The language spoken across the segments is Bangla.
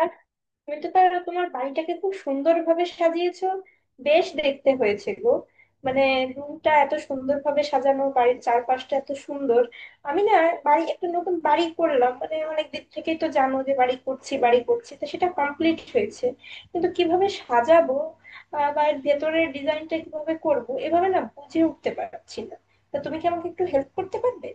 আর তুমি তো তাহলে তোমার বাড়িটাকে খুব সুন্দরভাবে সাজিয়েছো, বেশ দেখতে হয়েছে গো। মানে রুমটা এত সুন্দরভাবে সাজানো, বাড়ির চারপাশটা এত সুন্দর। আমি না, বাড়ি একটা নতুন বাড়ি করলাম, মানে অনেক দিক থেকেই তো জানো যে বাড়ি করছি বাড়ি করছি, তো সেটা কমপ্লিট হয়েছে, কিন্তু কিভাবে সাজাবো বা এর ভেতরের ডিজাইনটা কিভাবে করব, এভাবে না বুঝে উঠতে পারছি না। তা তুমি কি আমাকে একটু হেল্প করতে পারবে?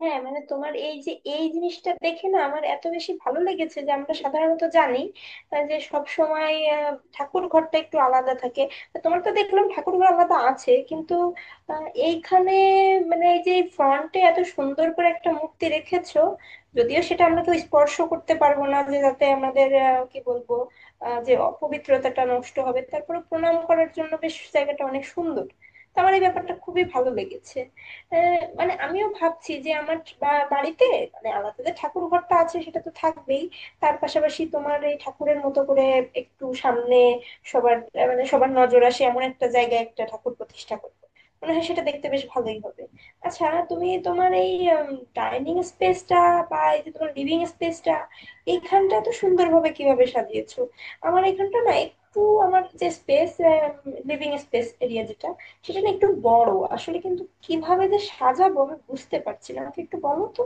হ্যাঁ, মানে তোমার এই যে এই জিনিসটা দেখে না আমার এত বেশি ভালো লেগেছে যে আমরা সাধারণত জানি যে সব সময় ঠাকুর ঘরটা একটু আলাদা থাকে। তো তোমার তো দেখলাম ঠাকুর ঘর আলাদা আছে, কিন্তু এইখানে মানে এই যে ফ্রন্টে এত সুন্দর করে একটা মূর্তি রেখেছো। যদিও সেটা আমরা কেউ স্পর্শ করতে পারবো না, যে যাতে আমাদের কি বলবো, যে অপবিত্রতাটা নষ্ট হবে। তারপরে প্রণাম করার জন্য বেশ জায়গাটা অনেক সুন্দর। তো আমার এই ব্যাপারটা খুবই ভালো লেগেছে। মানে আমিও ভাবছি যে আমার বাড়িতে মানে আলাদা যে ঠাকুর ঘরটা আছে সেটা তো থাকবেই, তার পাশাপাশি তোমার এই ঠাকুরের মতো করে একটু সামনে সবার মানে সবার নজর আসে এমন একটা জায়গায় একটা ঠাকুর প্রতিষ্ঠা করবো। মনে হয় সেটা দেখতে বেশ ভালোই হবে। আচ্ছা, তুমি তোমার এই ডাইনিং স্পেসটা বা এই যে তোমার লিভিং স্পেসটা এইখানটা তো সুন্দরভাবে কিভাবে সাজিয়েছো। আমার এখানটা না একটু, আমার যে স্পেস, লিভিং স্পেস এরিয়া যেটা, সেটা না একটু বড় আসলে, কিন্তু কিভাবে যে সাজাবো আমি বুঝতে পারছি না, আমাকে একটু বলো তো।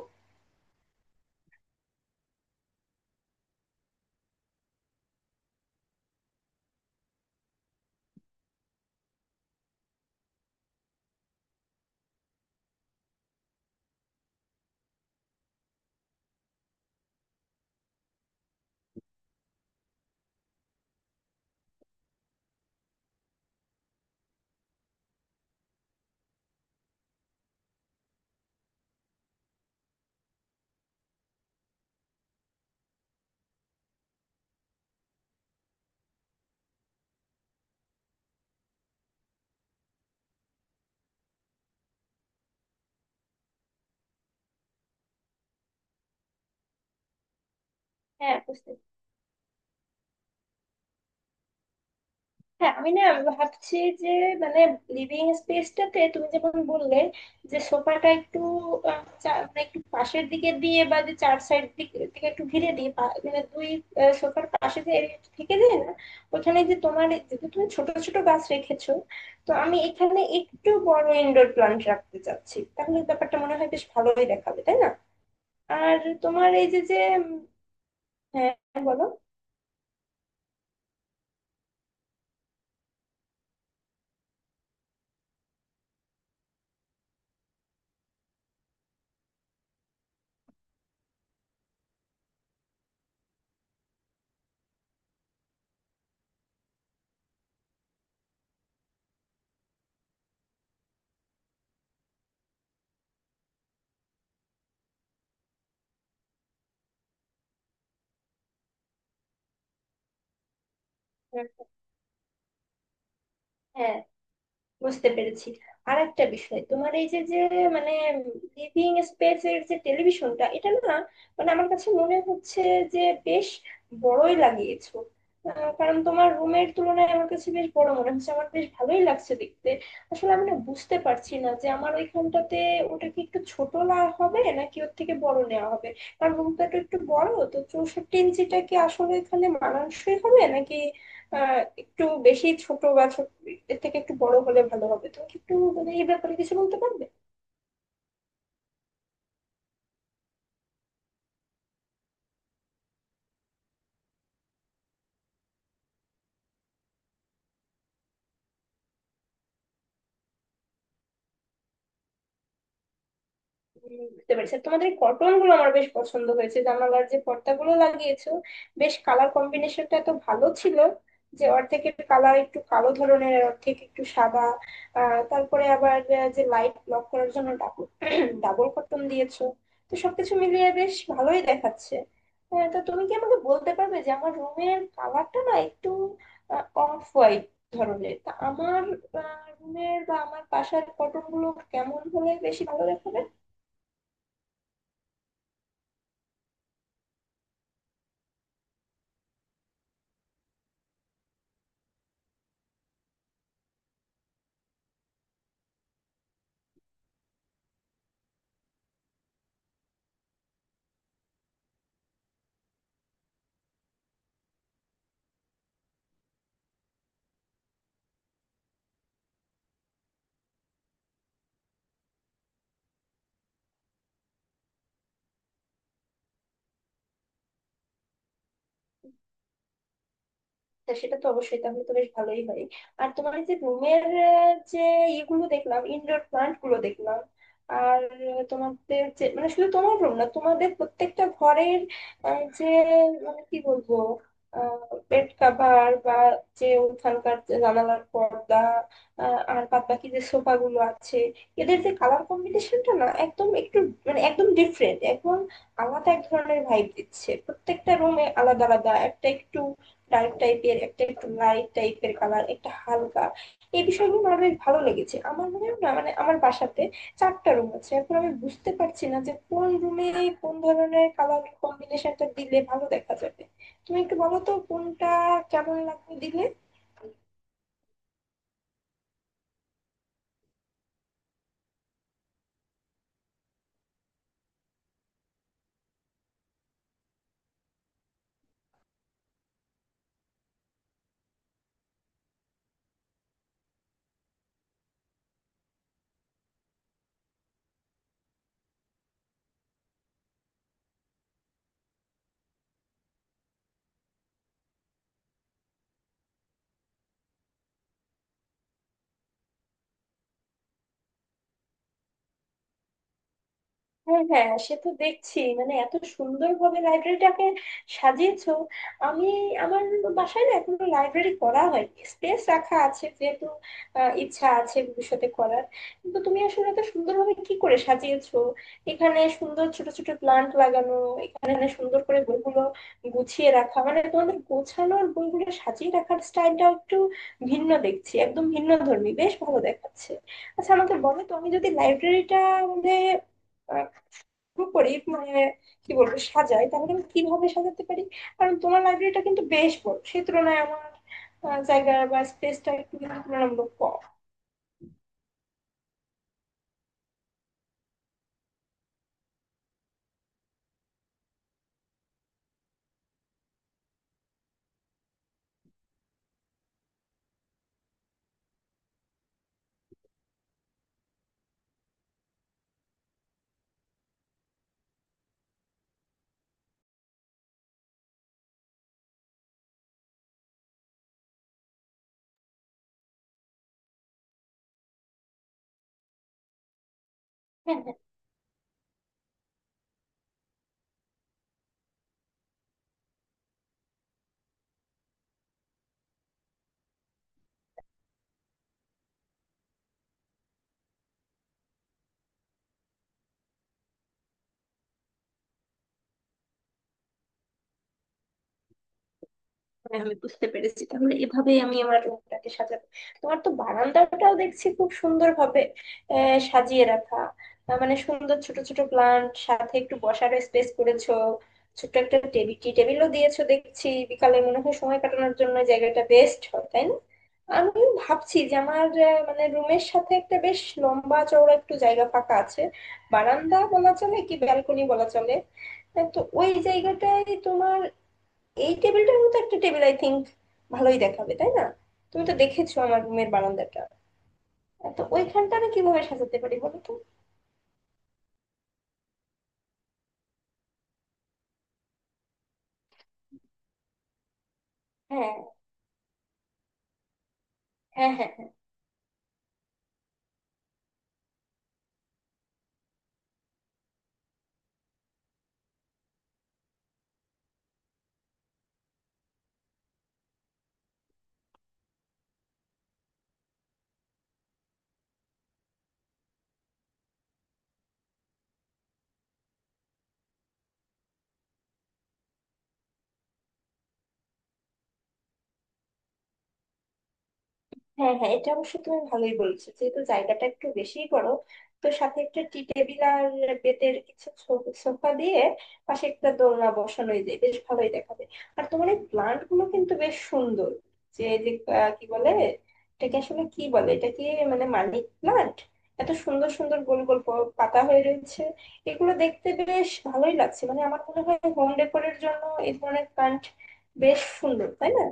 হ্যাঁ বুঝতে, হ্যাঁ আমি না ভাবছি যে মানে লিভিং স্পেসটাতে তুমি যেমন বললে যে সোফাটা একটু মানে একটু পাশের দিকে দিয়ে বা যে চার সাইড দিকে থেকে একটু ঘিরে দিয়ে মানে 2 সোফার পাশে যে area টা থেকে যায় না, ওখানে, যে তোমার যেহেতু তুমি ছোট ছোট গাছ রেখেছো, তো আমি এখানে একটু বড় ইনডোর প্ল্যান্ট রাখতে চাচ্ছি, তাহলে ব্যাপারটা মনে হয় বেশ ভালোই দেখাবে, তাই না? আর তোমার এই যে যে উম, হ্যাঁ, বলো। হ্যাঁ, বুঝতে পেরেছি। আর একটা বিষয়, তোমার এই যে যে মানে লিভিং স্পেস এর যে টেলিভিশনটা, এটা না মানে আমার কাছে মনে হচ্ছে যে বেশ বড়ই লাগিয়েছো। কারণ তোমার রুমের তুলনায় আমার কাছে বেশ বড় মনে হচ্ছে, আমার বেশ ভালোই লাগছে দেখতে। আসলে আমি না বুঝতে পারছি না যে আমার ওইখানটাতে ওটা কি একটু ছোট না হবে নাকি ওর থেকে বড় নেওয়া হবে, কারণ রুমটা তো একটু বড়। তো 64 ইঞ্চিটা কি আসলে এখানে মানানসই হবে নাকি আহ একটু বেশি ছোট, বা ছোট এর থেকে একটু বড় হলে ভালো হবে? তুমি কি একটু মানে এই ব্যাপারে কিছু বলতে পারবে? বুঝতে পেরেছি। আর তোমাদের কটন গুলো আমার বেশ পছন্দ হয়েছে, জানালার যে পর্দাগুলো লাগিয়েছো, বেশ কালার কম্বিনেশনটা এত ভালো ছিল, যে অর্ধেকের কালার একটু কালো ধরনের আর অর্ধেক একটু সাদা। তারপরে আবার যে লাইট ব্লক করার জন্য ডাবল ডাবল কটন দিয়েছো, তো সবকিছু মিলিয়ে বেশ ভালোই দেখাচ্ছে। হ্যাঁ, তো তুমি কি আমাকে বলতে পারবে যে আমার রুমের কালারটা না একটু অফ হোয়াইট ধরনের, তা আমার রুমের বা আমার বাসার কটন গুলো কেমন হলে বেশি ভালো দেখাবে? তা সেটা তো অবশ্যই, তাহলে তো বেশ ভালোই হয়। আর তোমার এই যে রুমের যে ইগুলো দেখলাম, ইনডোর প্লান্ট গুলো দেখলাম। আর তোমাদের যে মানে শুধু তোমার রুম না, তোমাদের প্রত্যেকটা ঘরের আহ, যে মানে কি বলবো, বেড কাভার বা যে ওখানকার যে জানালার পর্দা আর বাদ বাকি যে সোফা গুলো আছে, এদের যে কালার কম্বিনেশনটা না একদম একটু মানে একদম ডিফারেন্ট, একদম আলাদা এক ধরনের ভাইব দিচ্ছে। প্রত্যেকটা রুমে আলাদা আলাদা, একটা একটু ডার্ক টাইপের, একটা একটু লাইট টাইপের কালার, একটা হালকা। এই বিষয়গুলো আমার বেশ ভালো লেগেছে। আমার মনে হয় না মানে আমার বাসাতে 4টা রুম আছে, এখন আমি বুঝতে পারছি না যে কোন রুমে কোন ধরনের কালার কম্বিনেশনটা দিলে ভালো দেখা যাবে। তুমি একটু বলো তো কোনটা কেমন লাগবে দিলে। হ্যাঁ হ্যাঁ, সে তো দেখছি মানে এত সুন্দরভাবে লাইব্রেরিটাকে সাজিয়েছো। আমি আমার বাসায় না এখনো লাইব্রেরি করা হয়, স্পেস রাখা আছে যেহেতু, ইচ্ছা আছে ভবিষ্যতে করার। কিন্তু তুমি আসলে এত সুন্দরভাবে কি করে সাজিয়েছো, এখানে সুন্দর ছোট ছোট প্লান্ট লাগানো, এখানে সুন্দর করে বইগুলো গুছিয়ে রাখা। মানে তোমাদের গোছানোর বইগুলো সাজিয়ে রাখার স্টাইলটাও একটু ভিন্ন দেখছি, একদম ভিন্ন ধর্মী, বেশ ভালো দেখাচ্ছে। আচ্ছা, আমাকে বলো তো, আমি যদি লাইব্রেরিটা মানে করি, মানে কি বলবো, সাজাই, তাহলে আমি কিভাবে সাজাতে পারি? কারণ তোমার লাইব্রেরিটা কিন্তু বেশ বড়, সেই তুলনায় আমার জায়গা বা স্পেসটা একটু কিন্তু তুলনামূলক কম। হ্যাঁ। হ্যাঁ, আমি বুঝতে পেরেছি, তাহলে এভাবেই আমি আমার রুমটাকে সাজাবো। তোমার তো বারান্দাটাও দেখছি খুব সুন্দর ভাবে সাজিয়ে রাখা। মানে সুন্দর ছোট ছোট প্লান্ট, সাথে একটু বসার স্পেস করেছো, ছোট্ট একটা টেবিল, টি টেবিলও দিয়েছো দেখছি। বিকালে মনে হয় সময় কাটানোর জন্য এই জায়গাটা বেস্ট হয়, তাই না? আমি ভাবছি যে আমার মানে রুমের সাথে একটা বেশ লম্বা চওড়া একটু জায়গা ফাঁকা আছে, বারান্দা বলা চলে কি ব্যালকনি বলা চলে। তো ওই জায়গাটায় তোমার এই টেবিলটার মতো একটা টেবিল আই থিংক ভালোই দেখাবে, তাই না? তুমি তো দেখেছো আমার রুমের বারান্দাটা, তো ওইখানটা আমি কিভাবে সাজাতে পারি বলো তো। হ্যাঁ হ্যাঁ হ্যাঁ হ্যাঁ হ্যাঁ, এটা অবশ্য তুমি ভালোই বলেছো, যেহেতু জায়গাটা একটু বেশিই বড়, তো সাথে একটা টি টেবিল আর বেতের কিছু সোফা দিয়ে পাশে একটা দোলনা বসানোই যায়, বেশ ভালোই দেখাবে। আর তোমার এই প্লান্ট গুলো কিন্তু বেশ সুন্দর, যে এই যে কি বলে এটাকে, আসলে কি বলে এটা কি মানে, মানি প্লান্ট। এত সুন্দর সুন্দর গোল গোল পাতা হয়ে রয়েছে, এগুলো দেখতে বেশ ভালোই লাগছে। মানে আমার মনে হয় হোম ডেকোরের জন্য এই ধরনের প্লান্ট বেশ সুন্দর, তাই না?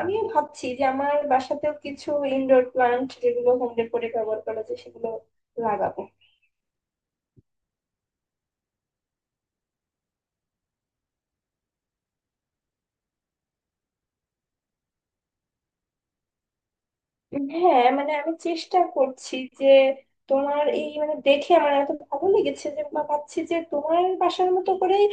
আমিও ভাবছি যে আমার বাসাতেও কিছু ইনডোর প্লান্ট, যেগুলো হোম ডেকোরে ব্যবহার করা যায়, সেগুলো লাগাবো। হ্যাঁ মানে আমি চেষ্টা করছি যে, তোমার এই মানে দেখে আমার এত ভালো লেগেছে যে বা ভাবছি যে তোমার বাসার মতো করেই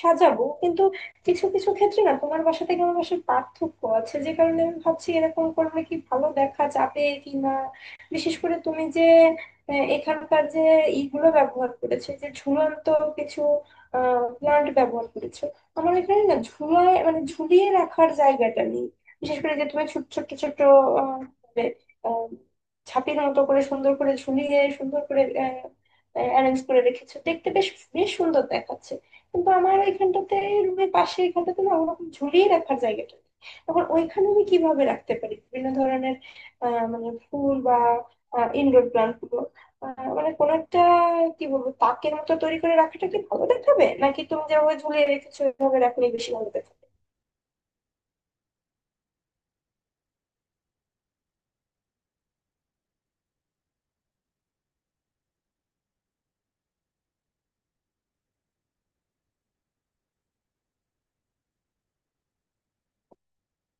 সাজাবো। কিন্তু কিছু কিছু ক্ষেত্রে না তোমার বাসা থেকে আমার বাসার পার্থক্য আছে, যে কারণে আমি ভাবছি এরকম করলে কি ভালো দেখা যাবে কি না। বিশেষ করে তুমি যে এখানকার যে ইগুলো ব্যবহার করেছো, যে ঝুলন্ত কিছু প্লান্ট ব্যবহার করেছো। আমার এখানে না ঝুলায় মানে ঝুলিয়ে রাখার জায়গাটা নেই। বিশেষ করে যে তুমি ছোট ছোট ছোট করে আহ, ছাপির মতো করে সুন্দর করে ঝুলিয়ে সুন্দর করে অ্যারেঞ্জ করে রেখেছে দেখতে বেশ বেশ সুন্দর দেখাচ্ছে। কিন্তু আমার ওইখানটাতে রুমের পাশে এখানটাতে না ওরকম ঝুলিয়ে রাখার জায়গাটা নেই। এখন ওইখানে আমি কিভাবে রাখতে পারি বিভিন্ন ধরনের মানে ফুল বা ইনডোর প্লান্ট গুলো, মানে কোন একটা কি বলবো তাকের মতো তৈরি করে রাখাটা কি ভালো দেখাবে, নাকি তুমি যেভাবে ঝুলিয়ে রেখেছো ওইভাবে রাখলে বেশি ভালো দেখাবে?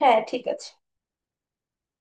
হ্যাঁ ঠিক আছে।